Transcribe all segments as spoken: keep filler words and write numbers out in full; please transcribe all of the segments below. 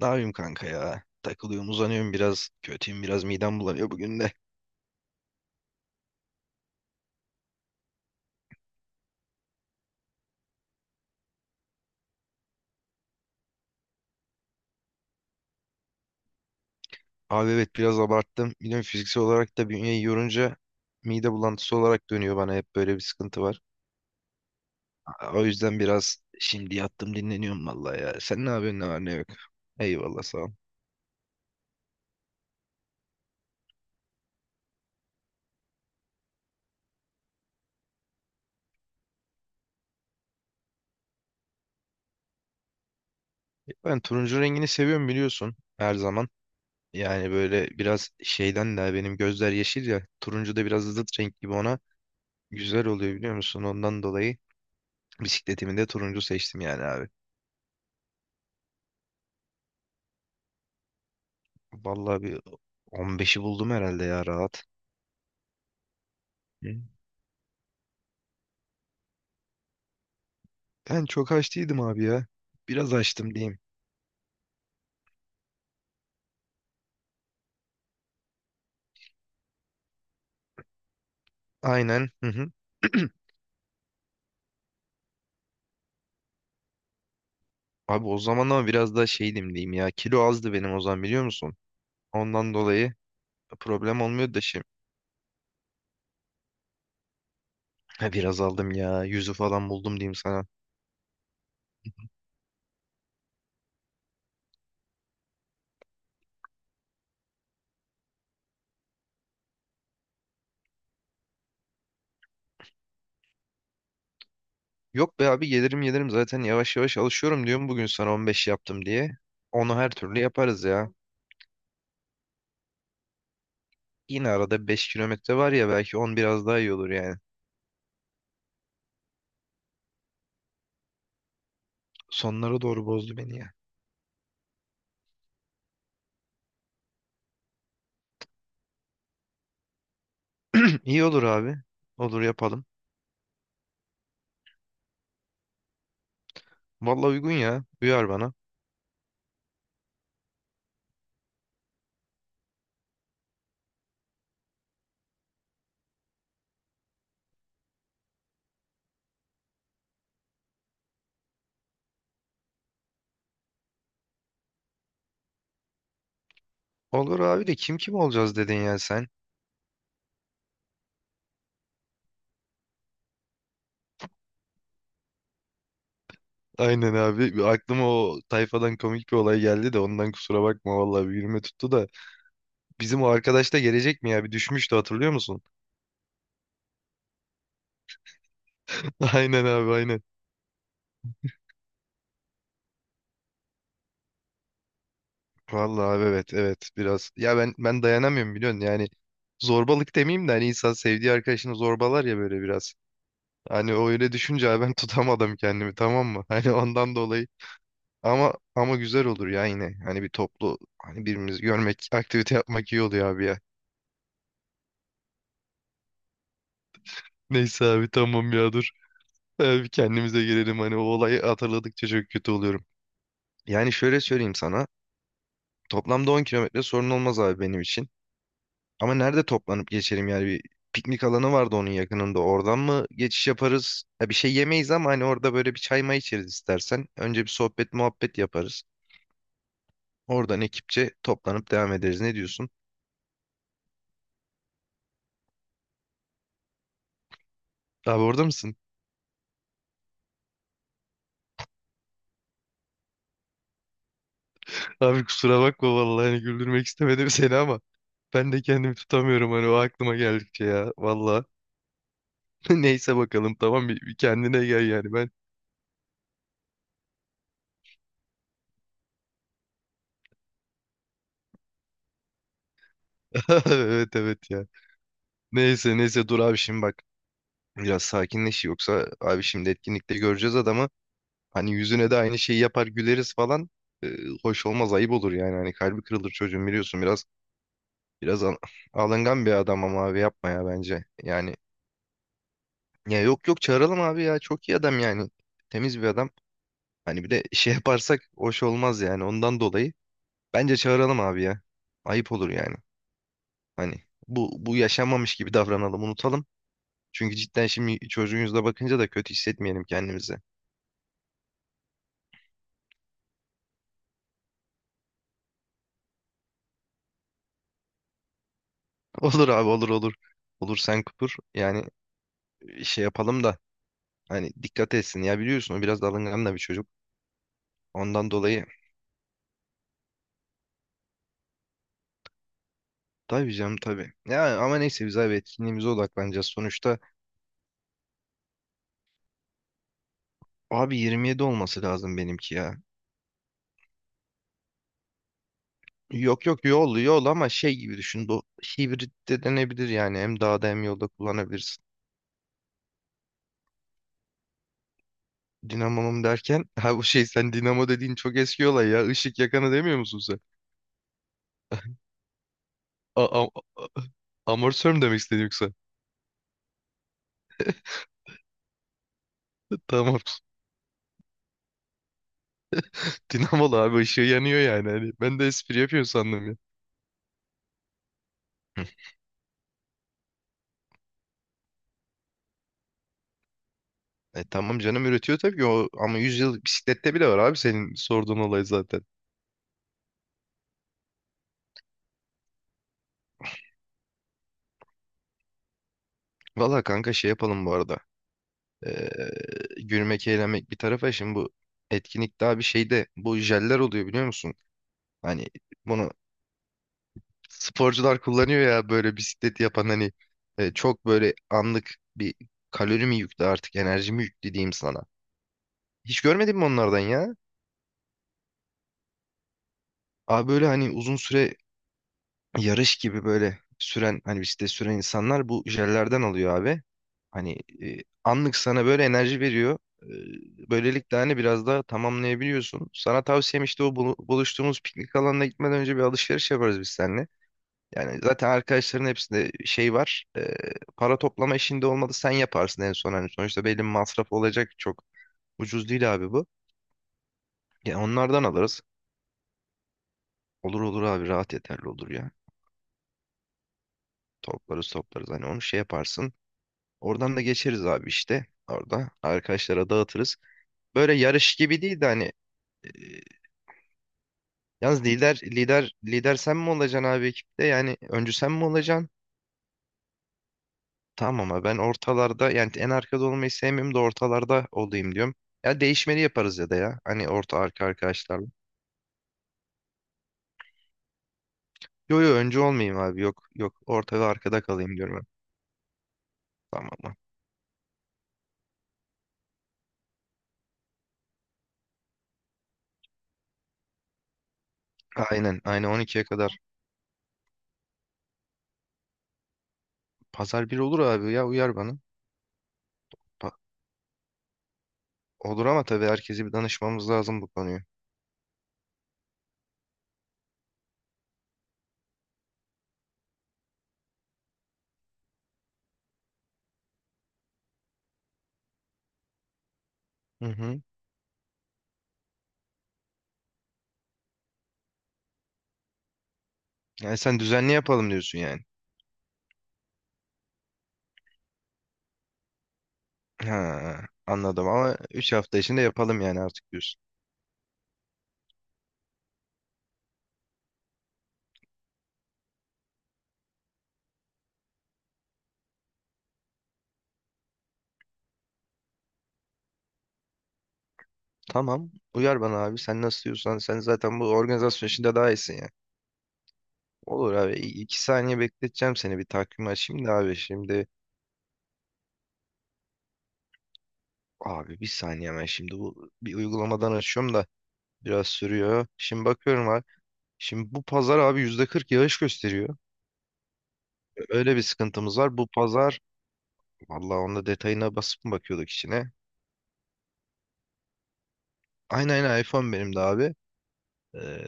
Ne yapayım kanka ya? Takılıyorum, uzanıyorum biraz. Kötüyüm biraz, midem bulanıyor bugün de. Abi evet biraz abarttım. Biliyorum fiziksel olarak da bünyeyi yorunca mide bulantısı olarak dönüyor bana hep böyle bir sıkıntı var. A- O yüzden biraz şimdi yattım dinleniyorum vallahi ya. Sen ne yapıyorsun ne var ne yok? Eyvallah sağ ol. Ben turuncu rengini seviyorum biliyorsun her zaman. Yani böyle biraz şeyden de benim gözler yeşil ya. Turuncu da biraz zıt renk gibi ona. Güzel oluyor biliyor musun? Ondan dolayı bisikletimi de turuncu seçtim yani abi. Vallahi bir on beşi buldum herhalde ya rahat. Hı. Ben çok aç değildim abi ya. Biraz açtım diyeyim. Aynen. Hı hı. Abi o zaman ama biraz daha şeydim diyeyim ya. Kilo azdı benim o zaman biliyor musun? Ondan dolayı problem olmuyor da şimdi. Ha, biraz aldım ya. Yüzü falan buldum diyeyim sana. Yok be abi gelirim gelirim zaten yavaş yavaş alışıyorum diyorum bugün sana on beş yaptım diye. Onu her türlü yaparız ya. Yine arada beş kilometre var ya belki on biraz daha iyi olur yani. Sonlara doğru bozdu beni ya. İyi olur abi. Olur yapalım. Vallahi uygun ya. Uyar bana. Olur abi de kim kim olacağız dedin ya sen. Aynen abi. Aklıma o tayfadan komik bir olay geldi de ondan kusura bakma vallahi bir yürüme tuttu da. Bizim o arkadaş da gelecek mi ya? Bir düşmüştü hatırlıyor musun? Aynen abi aynen. Vallahi abi evet evet biraz. Ya ben ben dayanamıyorum biliyorsun yani. Zorbalık demeyeyim de hani insan sevdiği arkadaşını zorbalar ya böyle biraz. Hani o öyle düşünce abi ben tutamadım kendimi tamam mı? Hani ondan dolayı. Ama ama güzel olur ya yine. Hani bir toplu hani birbirimizi görmek, aktivite yapmak iyi oluyor abi ya. Neyse abi tamam ya dur. Abi kendimize gelelim hani o olayı hatırladıkça çok kötü oluyorum. Yani şöyle söyleyeyim sana. Toplamda on kilometre sorun olmaz abi benim için. Ama nerede toplanıp geçelim yani bir piknik alanı vardı onun yakınında. Oradan mı geçiş yaparız? Ya bir şey yemeyiz ama hani orada böyle bir çay may içeriz istersen. Önce bir sohbet muhabbet yaparız. Oradan ekipçe toplanıp devam ederiz. Ne diyorsun? Abi orada mısın? Abi kusura bakma vallahi hani güldürmek istemedim seni ama ben de kendimi tutamıyorum hani o aklıma geldikçe ya vallahi. Neyse bakalım tamam bir, bir kendine gel yani ben. Evet evet ya. Neyse neyse dur abi şimdi bak biraz sakinleş yoksa abi şimdi etkinlikte göreceğiz adamı. Hani yüzüne de aynı şeyi yapar güleriz falan. Ee, Hoş olmaz ayıp olur yani hani kalbi kırılır çocuğun biliyorsun biraz biraz al- alıngan bir adam ama abi yapma ya bence. Yani ya yok yok çağıralım abi ya çok iyi adam yani temiz bir adam. Hani bir de şey yaparsak hoş olmaz yani ondan dolayı. Bence çağıralım abi ya. Ayıp olur yani. Hani bu bu yaşanmamış gibi davranalım, unutalım. Çünkü cidden şimdi çocuğun yüzüne bakınca da kötü hissetmeyelim kendimizi. Olur abi olur olur. Olur sen kupur. Yani şey yapalım da hani dikkat etsin. Ya biliyorsun o biraz alıngan da bir çocuk. Ondan dolayı tabii canım tabii. Ya ama neyse biz abi etkinliğimize odaklanacağız. Sonuçta abi yirmi yedi olması lazım benimki ya. Yok yok yol yol ama şey gibi düşün. Bu hibrit de denebilir yani. Hem dağda hem yolda kullanabilirsin. Dinamomum derken ha bu şey sen dinamo dediğin çok eski olay ya. Işık yakanı demiyor musun sen? A a- a- Amortisör mü demek istedin yoksa? Tamam. Dinamolu abi ışığı yanıyor yani. Hani ben de espri yapıyor sandım ya. Hı. E tamam canım üretiyor tabii ki o ama yüz yıl bisiklette bile var abi senin sorduğun olay zaten. Valla kanka şey yapalım bu arada. Ee, Gülmek eğlenmek bir tarafa şimdi bu etkinlikte abi şeyde bu jeller oluyor biliyor musun? Hani bunu sporcular kullanıyor ya böyle bisikleti yapan hani e, çok böyle anlık bir kalori mi yüklü artık enerji mi yüklü diyeyim sana. Hiç görmedin mi onlardan ya? Abi böyle hani uzun süre yarış gibi böyle süren hani bisiklet süren insanlar bu jellerden alıyor abi. Hani e, anlık sana böyle enerji veriyor. E, böylelikle hani biraz daha tamamlayabiliyorsun. Sana tavsiyem işte o bulu- buluştuğumuz piknik alanına gitmeden önce bir alışveriş yaparız biz seninle. Yani zaten arkadaşların hepsinde şey var. E, para toplama işinde olmadı sen yaparsın en son. Hani sonuçta belli bir masraf olacak çok. Ucuz değil abi bu. Ya onlardan alırız. Olur olur abi rahat yeterli olur ya. Toplarız toplarız hani onu şey yaparsın. Oradan da geçeriz abi işte. Orada arkadaşlara dağıtırız. Böyle yarış gibi değil de hani. e, Yalnız lider lider lider sen mi olacaksın abi ekipte? Yani öncü sen mi olacaksın? Tamam ama ben ortalarda yani en arkada olmayı sevmiyorum da ortalarda olayım diyorum. Ya değişmeli yaparız ya da ya. Hani orta arka arkadaşlarla. Yo yo öncü olmayayım abi yok yok orta ve arkada kalayım diyorum ben. Tamam mı? Aynen aynen on ikiye kadar. Pazar bir olur abi ya uyar bana. Pa- olur ama tabii herkese bir danışmamız lazım bu konuyu. Hı hı. Yani sen düzenli yapalım diyorsun yani. Ha, anladım ama üç hafta içinde yapalım yani artık diyorsun. Tamam. Uyar bana abi. Sen nasıl diyorsan sen zaten bu organizasyon işinde daha iyisin ya. Olur abi. İ- iki saniye bekleteceğim seni. Bir takvim açayım da abi. Şimdi abi bir saniye ben şimdi bu bir uygulamadan açıyorum da biraz sürüyor. Şimdi bakıyorum abi. Şimdi bu pazar abi yüzde kırk yağış gösteriyor. Öyle bir sıkıntımız var. Bu pazar vallahi onda detayına basıp mı bakıyorduk içine. Aynen aynen iPhone benim de abi. Ee,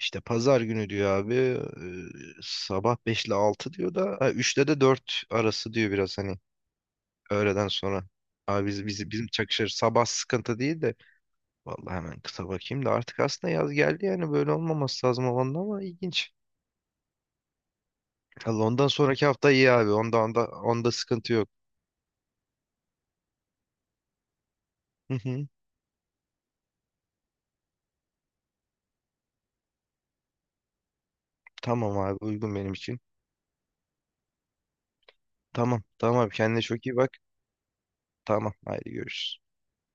işte pazar günü diyor abi e, sabah beş ile altı diyor da ha, üçte de dört arası diyor biraz hani öğleden sonra. Abi biz, biz, bizim çakışır sabah sıkıntı değil de vallahi hemen kısa bakayım da artık aslında yaz geldi yani böyle olmaması lazım havanda ama ilginç. Allah ondan sonraki hafta iyi abi onda onda onda sıkıntı yok. Hı hı. Tamam abi uygun benim için. Tamam tamam abi kendine çok iyi bak. Tamam haydi görüşürüz.